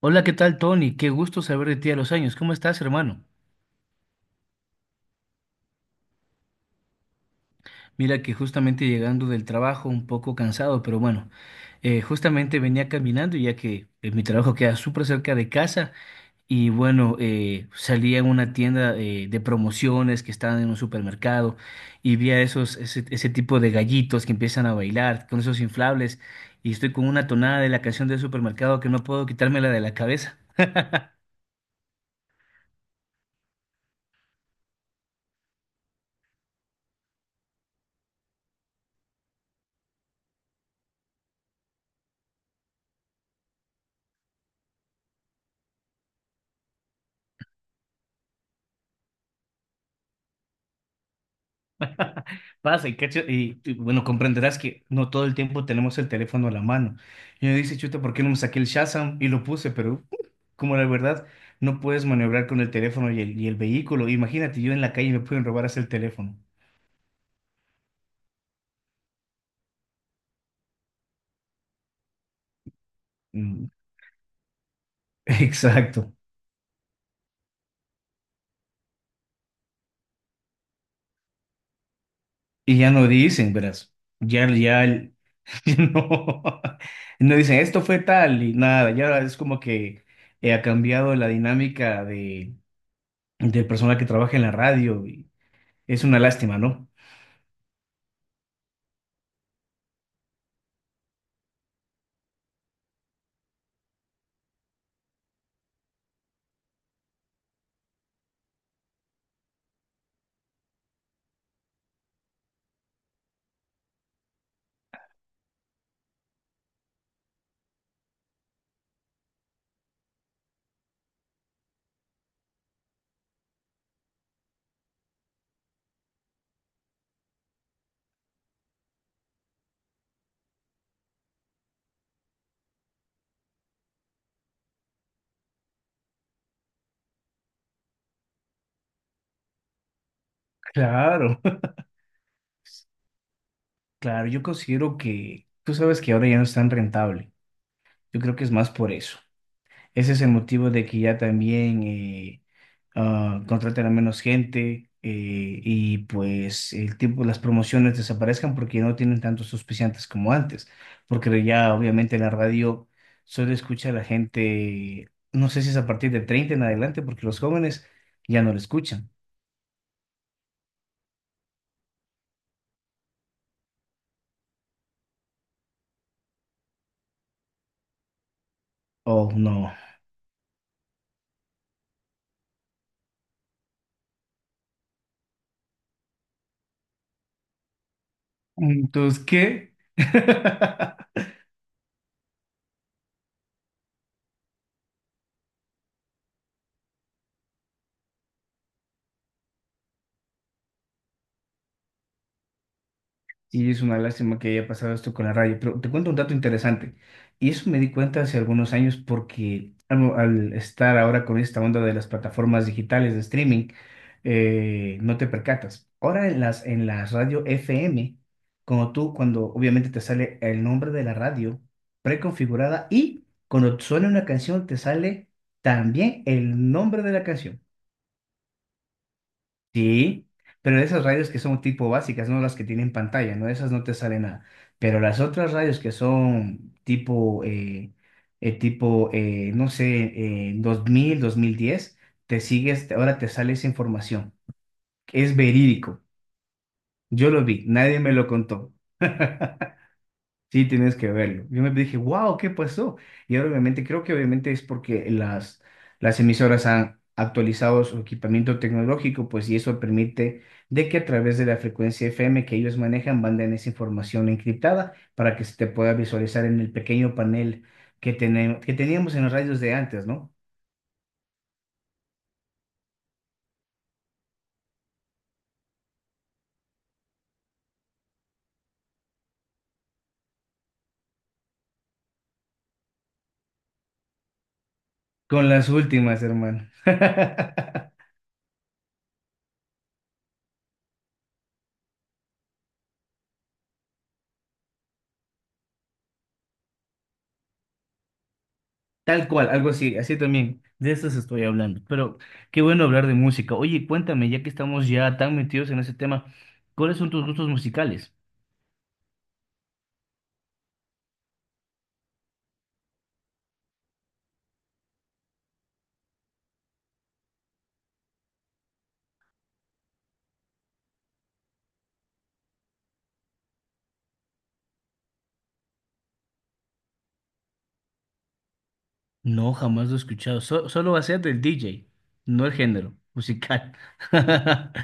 Hola, ¿qué tal, Tony? Qué gusto saber de ti a los años. ¿Cómo estás, hermano? Mira que justamente llegando del trabajo, un poco cansado, pero bueno, justamente venía caminando ya que mi trabajo queda súper cerca de casa y bueno, salí a una tienda de promociones que estaban en un supermercado y vi a ese tipo de gallitos que empiezan a bailar con esos inflables y estoy con una tonada de la canción del supermercado que no puedo quitármela de la cabeza. Pasa y, bueno, comprenderás que no todo el tiempo tenemos el teléfono a la mano. Y me dice, chuta, ¿por qué no me saqué el Shazam? Y lo puse, pero como la verdad, no puedes maniobrar con el teléfono y el vehículo. Imagínate, yo en la calle me pueden robar hasta el teléfono. Mm. Exacto. Y ya no dicen, verás. Ya, ya, el- ya no, no dicen, esto fue tal y nada. Ya es como que ha cambiado la dinámica del personal que trabaja en la radio. Y es una lástima, ¿no? Claro. Claro, yo considero que tú sabes que ahora ya no es tan rentable. Yo creo que es más por eso. Ese es el motivo de que ya también contraten a menos gente, y pues el tiempo, las promociones desaparezcan porque no tienen tantos auspiciantes como antes. Porque ya obviamente en la radio solo escucha a la gente, no sé si es a partir de 30 en adelante, porque los jóvenes ya no lo escuchan. Oh, no. Entonces, ¿qué? Y es una lástima que haya pasado esto con la radio, pero te cuento un dato interesante. Y eso me di cuenta hace algunos años porque al estar ahora con esta onda de las plataformas digitales de streaming, no te percatas. Ahora en en las radio FM, como tú, cuando obviamente te sale el nombre de la radio preconfigurada y cuando suena una canción te sale también el nombre de la canción. Sí, pero de esas radios que son tipo básicas, no las que tienen pantalla, no, esas no te sale nada. Pero las otras radios que son tipo, no sé, 2000 2010 te sigues, ahora te sale esa información. Es verídico. Yo lo vi, nadie me lo contó. Sí, tienes que verlo. Yo me dije, wow, ¿qué pasó? Y ahora obviamente creo que obviamente es porque las emisoras han actualizado su equipamiento tecnológico, pues y eso permite de que a través de la frecuencia FM que ellos manejan, manden esa información encriptada para que se te pueda visualizar en el pequeño panel que teníamos en los radios de antes, ¿no? Con las últimas, hermano. Tal cual, algo así, así también. De eso se estoy hablando. Pero qué bueno hablar de música. Oye, cuéntame, ya que estamos ya tan metidos en ese tema, ¿cuáles son tus gustos musicales? No, jamás lo he escuchado. Solo va a ser del DJ, no el género musical.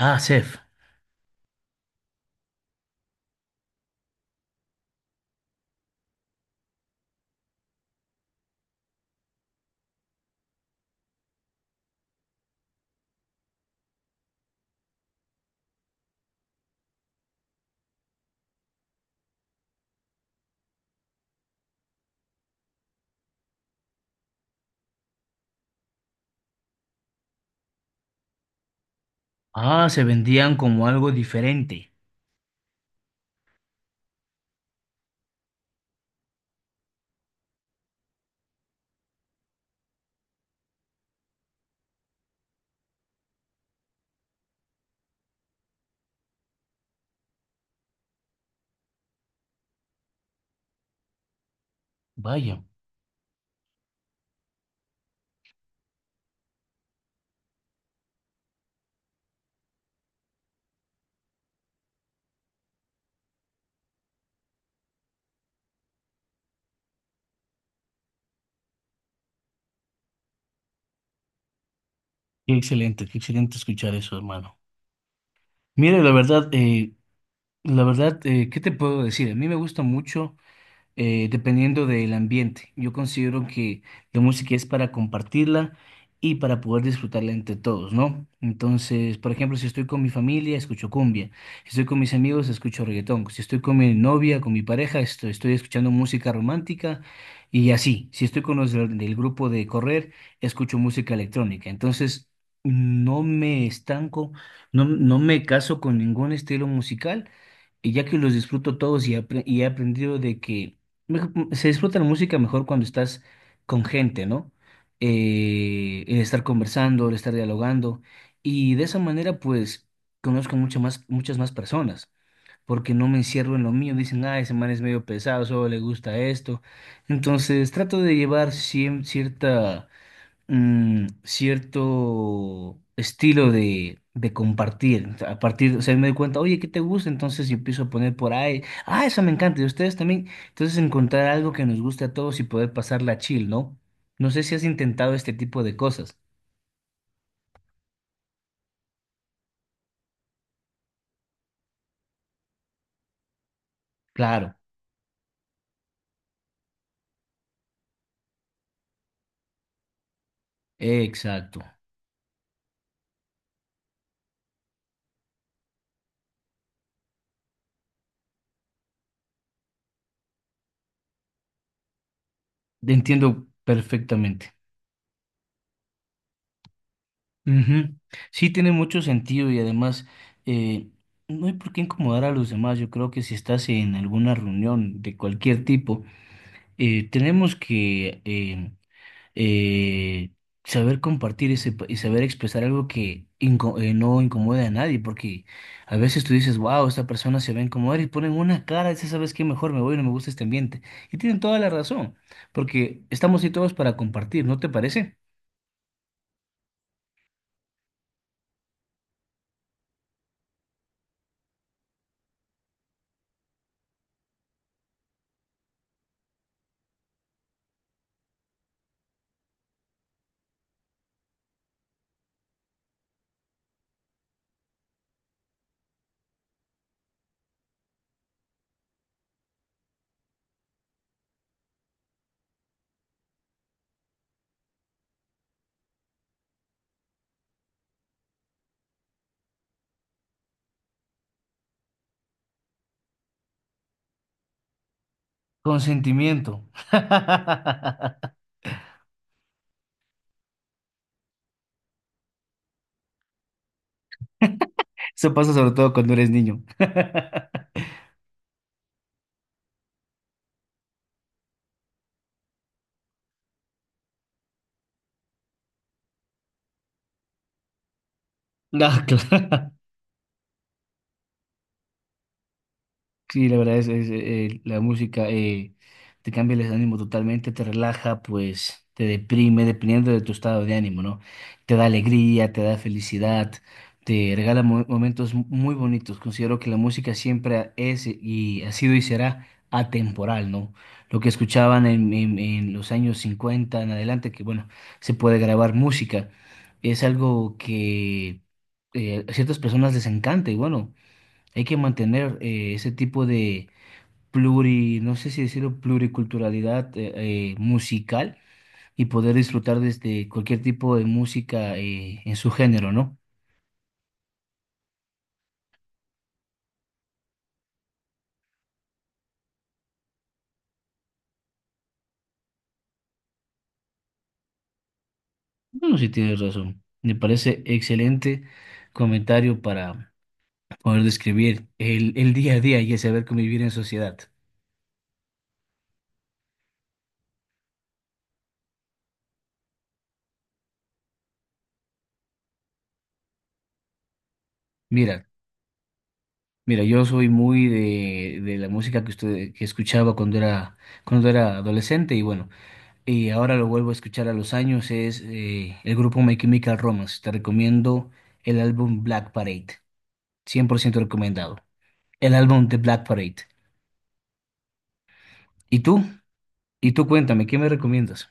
Ah, Sef. Ah, se vendían como algo diferente. Vaya, qué excelente escuchar eso, hermano. Mira, la verdad, ¿qué te puedo decir? A mí me gusta mucho. Dependiendo del ambiente. Yo considero que la música es para compartirla y para poder disfrutarla entre todos, ¿no? Entonces, por ejemplo, si estoy con mi familia, escucho cumbia. Si estoy con mis amigos, escucho reggaetón. Si estoy con mi novia, con mi pareja, escuchando música romántica y así. Si estoy con los del grupo de correr, escucho música electrónica. Entonces, no me estanco, no me caso con ningún estilo musical y ya que los disfruto todos, y he aprendido de que se disfruta la música mejor cuando estás con gente, ¿no? El estar conversando, el estar dialogando, y de esa manera pues conozco mucho más, muchas más personas porque no me encierro en lo mío, dicen, ah, ese man es medio pesado, solo le gusta esto. Entonces trato de llevar cierta, cierto estilo de compartir. O sea, a partir, o sea, me doy cuenta, oye, ¿qué te gusta? Entonces yo empiezo a poner por ahí, ah, eso me encanta, y ustedes también. Entonces encontrar algo que nos guste a todos y poder pasarla chill, ¿no? No sé si has intentado este tipo de cosas. Claro, exacto. Entiendo perfectamente. Ujú. Sí, tiene mucho sentido y además, eh, no hay por qué incomodar a los demás. Yo creo que si estás en alguna reunión de cualquier tipo, tenemos que eh, saber compartir y saber expresar algo que no incomode a nadie, porque a veces tú dices, wow, esta persona se ve a incomodar y ponen una cara, dice, ¿sabes qué? Mejor me voy, no me gusta este ambiente. Y tienen toda la razón, porque estamos ahí todos para compartir, ¿no te parece? Consentimiento. Eso pasa sobre todo cuando eres niño. No, claro. Sí, la verdad es, la música te cambia el ánimo totalmente, te relaja, pues te deprime, dependiendo de tu estado de ánimo, ¿no? Te da alegría, te da felicidad, te regala momentos muy bonitos. Considero que la música siempre es y ha sido y será atemporal, ¿no? Lo que escuchaban en los años 50 en adelante, que bueno, se puede grabar música, es algo que, a ciertas personas les encanta y bueno. Hay que mantener, ese tipo de pluri, no sé si decirlo, pluriculturalidad musical, y poder disfrutar desde cualquier tipo de música, en su género, ¿no? Bueno, sí tienes razón. Me parece excelente comentario para poder describir el día a día y el saber convivir en sociedad. Mira, mira, yo soy muy de la música que usted, que escuchaba cuando era adolescente y bueno. Y ahora lo vuelvo a escuchar a los años, es el grupo My Chemical Romance. Te recomiendo el álbum Black Parade, cien por ciento recomendado. El álbum de Black Parade. ¿Y tú? ¿Y tú cuéntame, qué me recomiendas?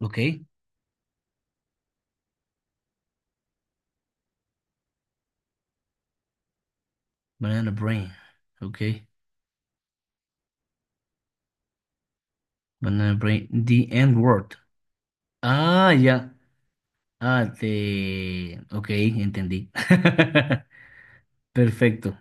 Ok, Banana Brain. Ok, Banana Brain. The End Word. Ah, ya. Ah, te... Ok, entendí. Perfecto.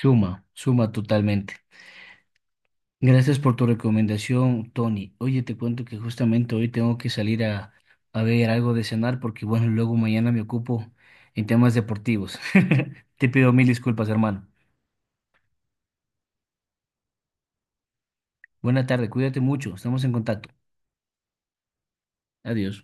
Suma, suma totalmente. Gracias por tu recomendación, Tony. Oye, te cuento que justamente hoy tengo que salir a ver algo de cenar porque, bueno, luego mañana me ocupo en temas deportivos. Te pido mil disculpas, hermano. Buena tarde, cuídate mucho, estamos en contacto. Adiós.